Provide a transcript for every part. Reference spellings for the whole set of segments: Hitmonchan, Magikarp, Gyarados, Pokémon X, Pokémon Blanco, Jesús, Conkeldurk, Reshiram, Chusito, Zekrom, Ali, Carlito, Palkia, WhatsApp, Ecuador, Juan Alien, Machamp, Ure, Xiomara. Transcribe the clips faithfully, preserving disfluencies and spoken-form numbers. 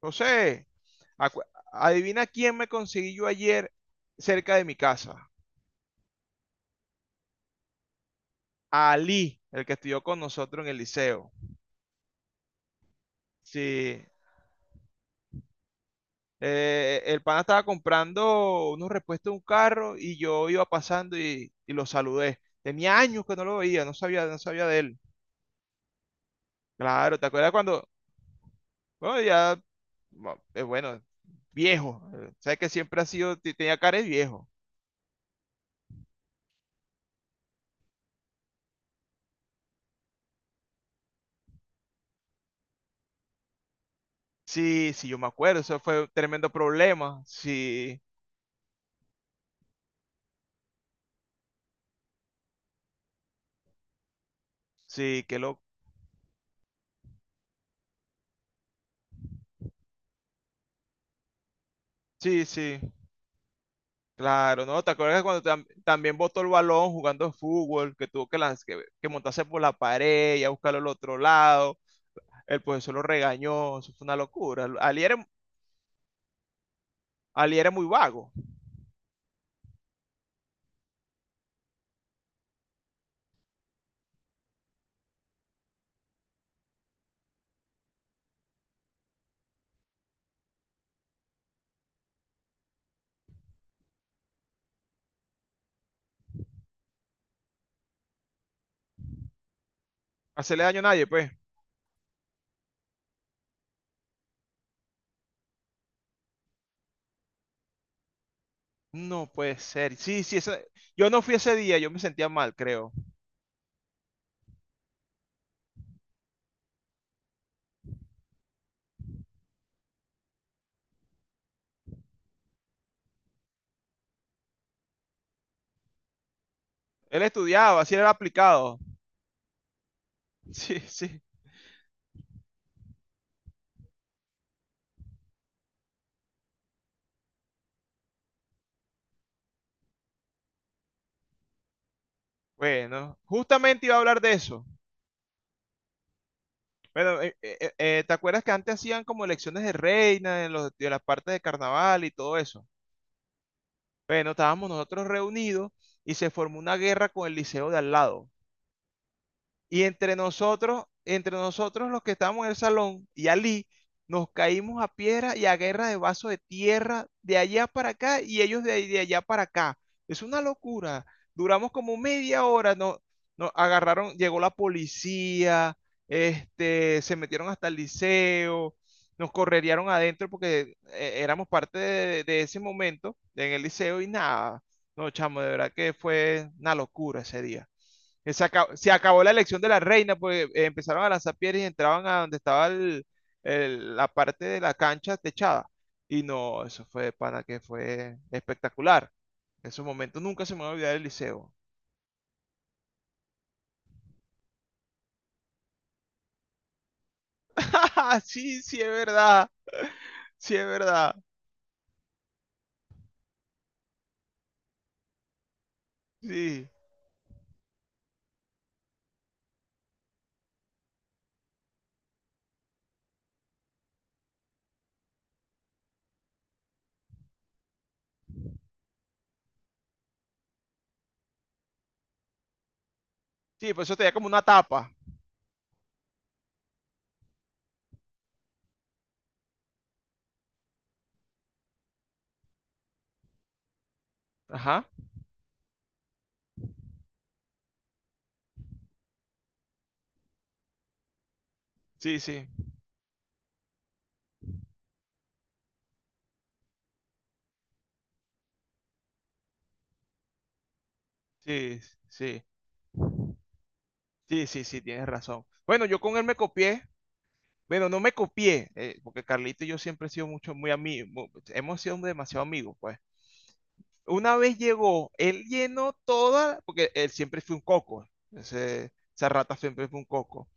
José, acu- adivina quién me conseguí yo ayer cerca de mi casa. Ali, el que estudió con nosotros en el liceo. Sí, eh, el pana estaba comprando unos repuestos de un carro y yo iba pasando y, y lo saludé. Tenía años que no lo veía, no sabía, no sabía de él. Claro, ¿te acuerdas cuando? Bueno, ya, bueno, eh, bueno, viejo. eh, Sabes que siempre ha sido, te- tenía cara de viejo. Sí, sí, yo me acuerdo, eso fue un tremendo problema. Sí, sí, qué, lo, sí, sí, claro, ¿no? ¿Te acuerdas cuando tam- también botó el balón jugando fútbol, que tuvo que, lanz- que, que montarse por la pared y a buscarlo al otro lado? El profesor lo regañó, eso fue una locura. Ali era, Ali era muy vago, hacerle daño a nadie, pues. No puede ser. Sí, sí, ese- yo no fui ese día, yo me sentía mal, creo. Él estudiaba, así era aplicado. Sí, sí. Bueno, justamente iba a hablar de eso. Bueno, eh, eh, eh, ¿te acuerdas que antes hacían como elecciones de reina en los, de las partes de carnaval y todo eso? Bueno, estábamos nosotros reunidos y se formó una guerra con el liceo de al lado. Y entre nosotros, entre nosotros los que estábamos en el salón y Ali, nos caímos a piedra y a guerra de vaso de tierra de allá para acá y ellos de, ahí- de allá para acá. Es una locura. Duramos como media hora, no, nos agarraron, llegó la policía, este, se metieron hasta el liceo, nos correrían adentro porque eh, éramos parte de, de ese momento en el liceo y nada. No, chamo, de verdad que fue una locura ese día. Que se acabó, se acabó la elección de la reina porque eh, empezaron a lanzar piedras y entraban a donde estaba el- el- la parte de la cancha techada. Y no, eso fue de pana que fue espectacular. En esos momentos nunca se me va a olvidar el liceo. Sí, sí, ¡es verdad! Sí, es verdad. Sí. Sí, pues eso tenía como una tapa. Ajá. Sí, sí. Sí, sí. Sí, sí, sí, tienes razón. Bueno, yo con él me copié. Bueno, no me copié, eh, porque Carlito y yo siempre hemos sido mucho, muy amigos, hemos sido demasiado amigos, pues. Una vez llegó, él llenó toda, porque él siempre fue un coco, ese- esa rata siempre fue un coco.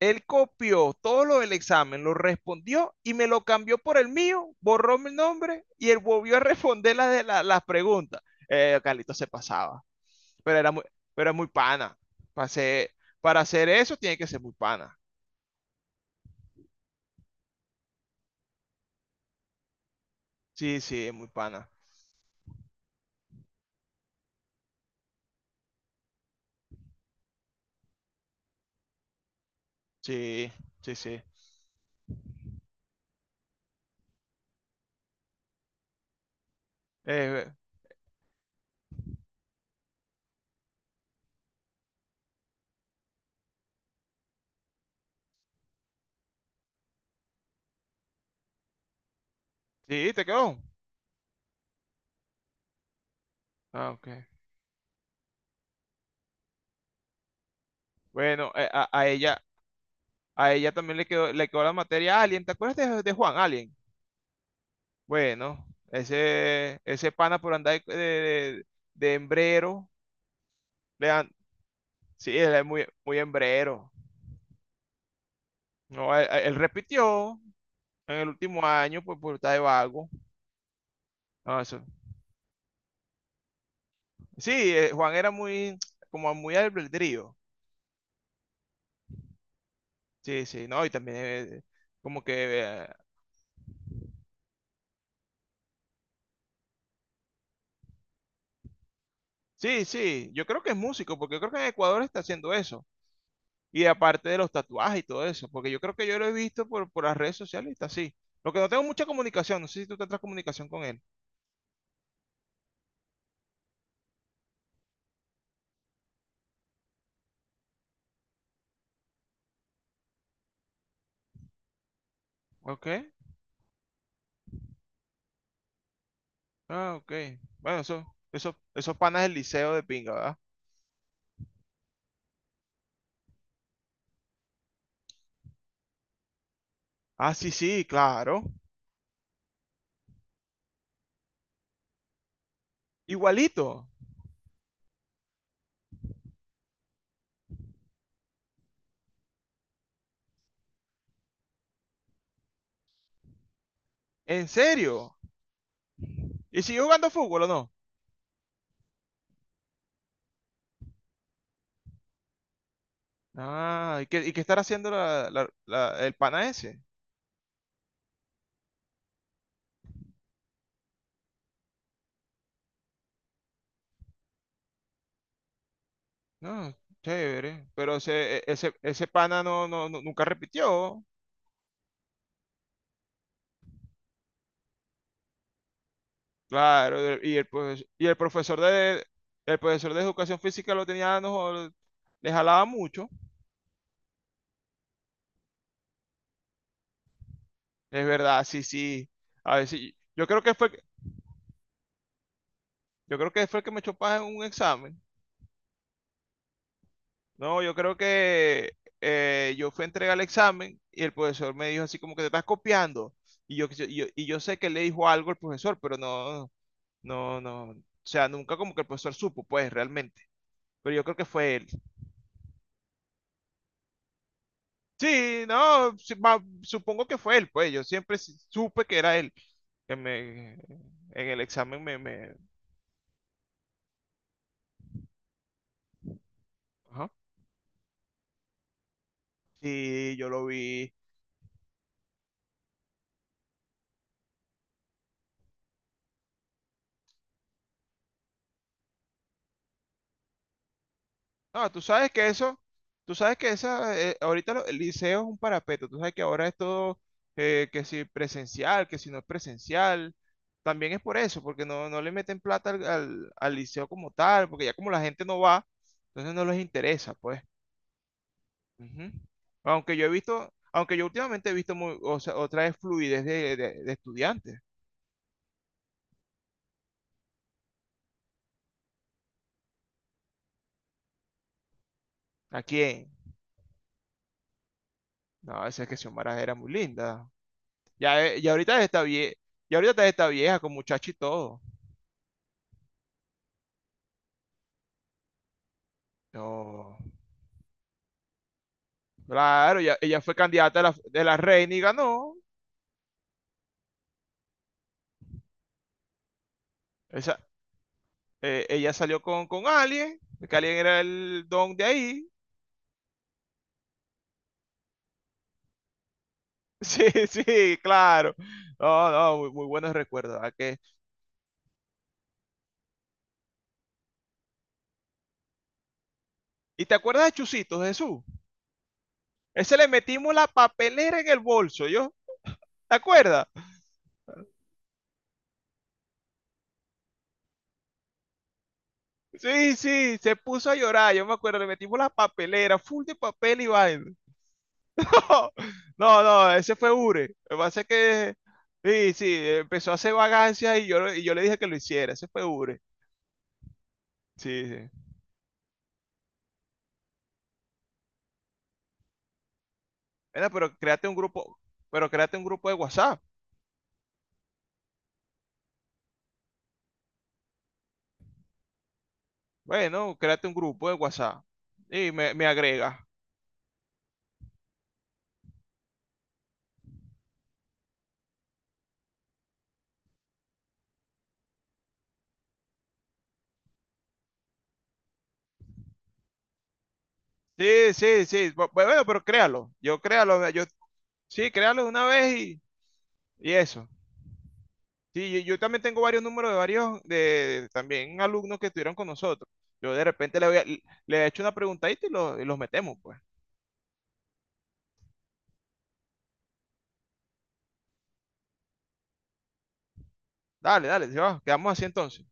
Él copió todo lo del examen, lo respondió y me lo cambió por el mío, borró mi nombre y él volvió a responder las, de la- las preguntas. Eh, Carlito se pasaba, pero era muy, pero era muy pana. Para hacer, para hacer eso tiene que ser muy pana. Sí, sí, es muy pana. Sí, sí, sí. Eh, sí, te quedó. Ah, ok. Bueno, eh, a, a ella, a ella también le quedó, le quedó la materia Alien. ¿Te acuerdas de, de Juan Alien? Bueno, ese, ese pana por andar de, de, de hembrero. le dan- sí, él es muy, muy hembrero. No, él, él repitió en el último año pues por estar de vago. Ah, eso. Sí, eh, Juan era muy, como muy albedrío. Sí, sí, no, y también eh, como que eh, sí, sí, yo creo que es músico, porque yo creo que en Ecuador está haciendo eso. Y aparte de los tatuajes y todo eso, porque yo creo que yo lo he visto por, por las redes sociales y está así. Lo que no tengo mucha comunicación, no sé si tú tendrás comunicación con él. Ok, ah, ok. Bueno, eso, eso, esos panas del liceo de pinga, ¿verdad? Ah, sí, sí, claro. Igualito, en serio. ¿Y siguió jugando fútbol o no? Ah, ¿y qué, y qué estará haciendo la- la- la- el pana ese? No, chévere. Pero ese, e- ese, ese pana no, no, no- nunca repitió. Claro, y el, profes- y el profesor de el profesor de educación física lo tenía, nos le jalaba mucho. Es verdad, sí, sí. A ver, sí. Yo creo que fue, yo creo que fue el que me echó paja en un examen. No, yo creo que eh, yo fui a entregar el examen y el profesor me dijo así como que te estás copiando. Y yo, y yo, y yo sé que le dijo algo el profesor, pero no, no, no. O sea, nunca como que el profesor supo, pues, realmente. Pero yo creo que fue él. Sí, no, sí, ma- supongo que fue él, pues yo siempre si- supe que era él. que me- en el examen me, me... Ajá. Sí, yo lo vi. No, tú sabes que eso, tú sabes que esa, eh, ahorita lo- el liceo es un parapeto, tú sabes que ahora es todo, eh, que si presencial, que si no es presencial, también es por eso, porque no, no le meten plata al, al al liceo como tal, porque ya como la gente no va, entonces no les interesa, pues. Ujú. Aunque yo he visto, aunque yo últimamente he visto muy, o sea, otra vez fluidez de, de- de estudiantes. Aquí en, no, esa es que Xiomara era muy linda. Ya, eh, ya ahorita está vieja, ya ahorita está vieja con muchacho y todo. No, claro, ya- ella fue candidata de la, de la reina y ganó. Esa, eh, ella salió con, con alguien, que alguien era el don de ahí. Sí, sí, claro. No, no, muy, muy buenos recuerdos. ¿Verdad que? ¿Y te acuerdas de Chusito, Jesús? Ese le metimos la papelera en el bolso, ¿yo? ¿Te acuerdas? Sí, sí, se puso a llorar, yo me acuerdo, le metimos la papelera, full de papel y vaina. No, no, ese fue Ure. Lo que pasa es que, sí, sí, empezó a hacer vagancias y yo, y yo le dije que lo hiciera, ese fue Ure. Sí, sí. Mira, pero créate un grupo, pero créate un grupo de WhatsApp. Bueno, créate un grupo de WhatsApp y me, me agrega. Sí, sí, sí. bu- Bueno, pero créalo. Yo créalo. Yo, sí, créalo de una vez y, y eso. Sí, yo, yo también tengo varios números de varios, de, de también alumnos que estuvieron con nosotros. Yo de repente le, voy a- le he hecho una preguntadita y, lo- y los metemos, pues. Dale, dale, se va, quedamos así entonces.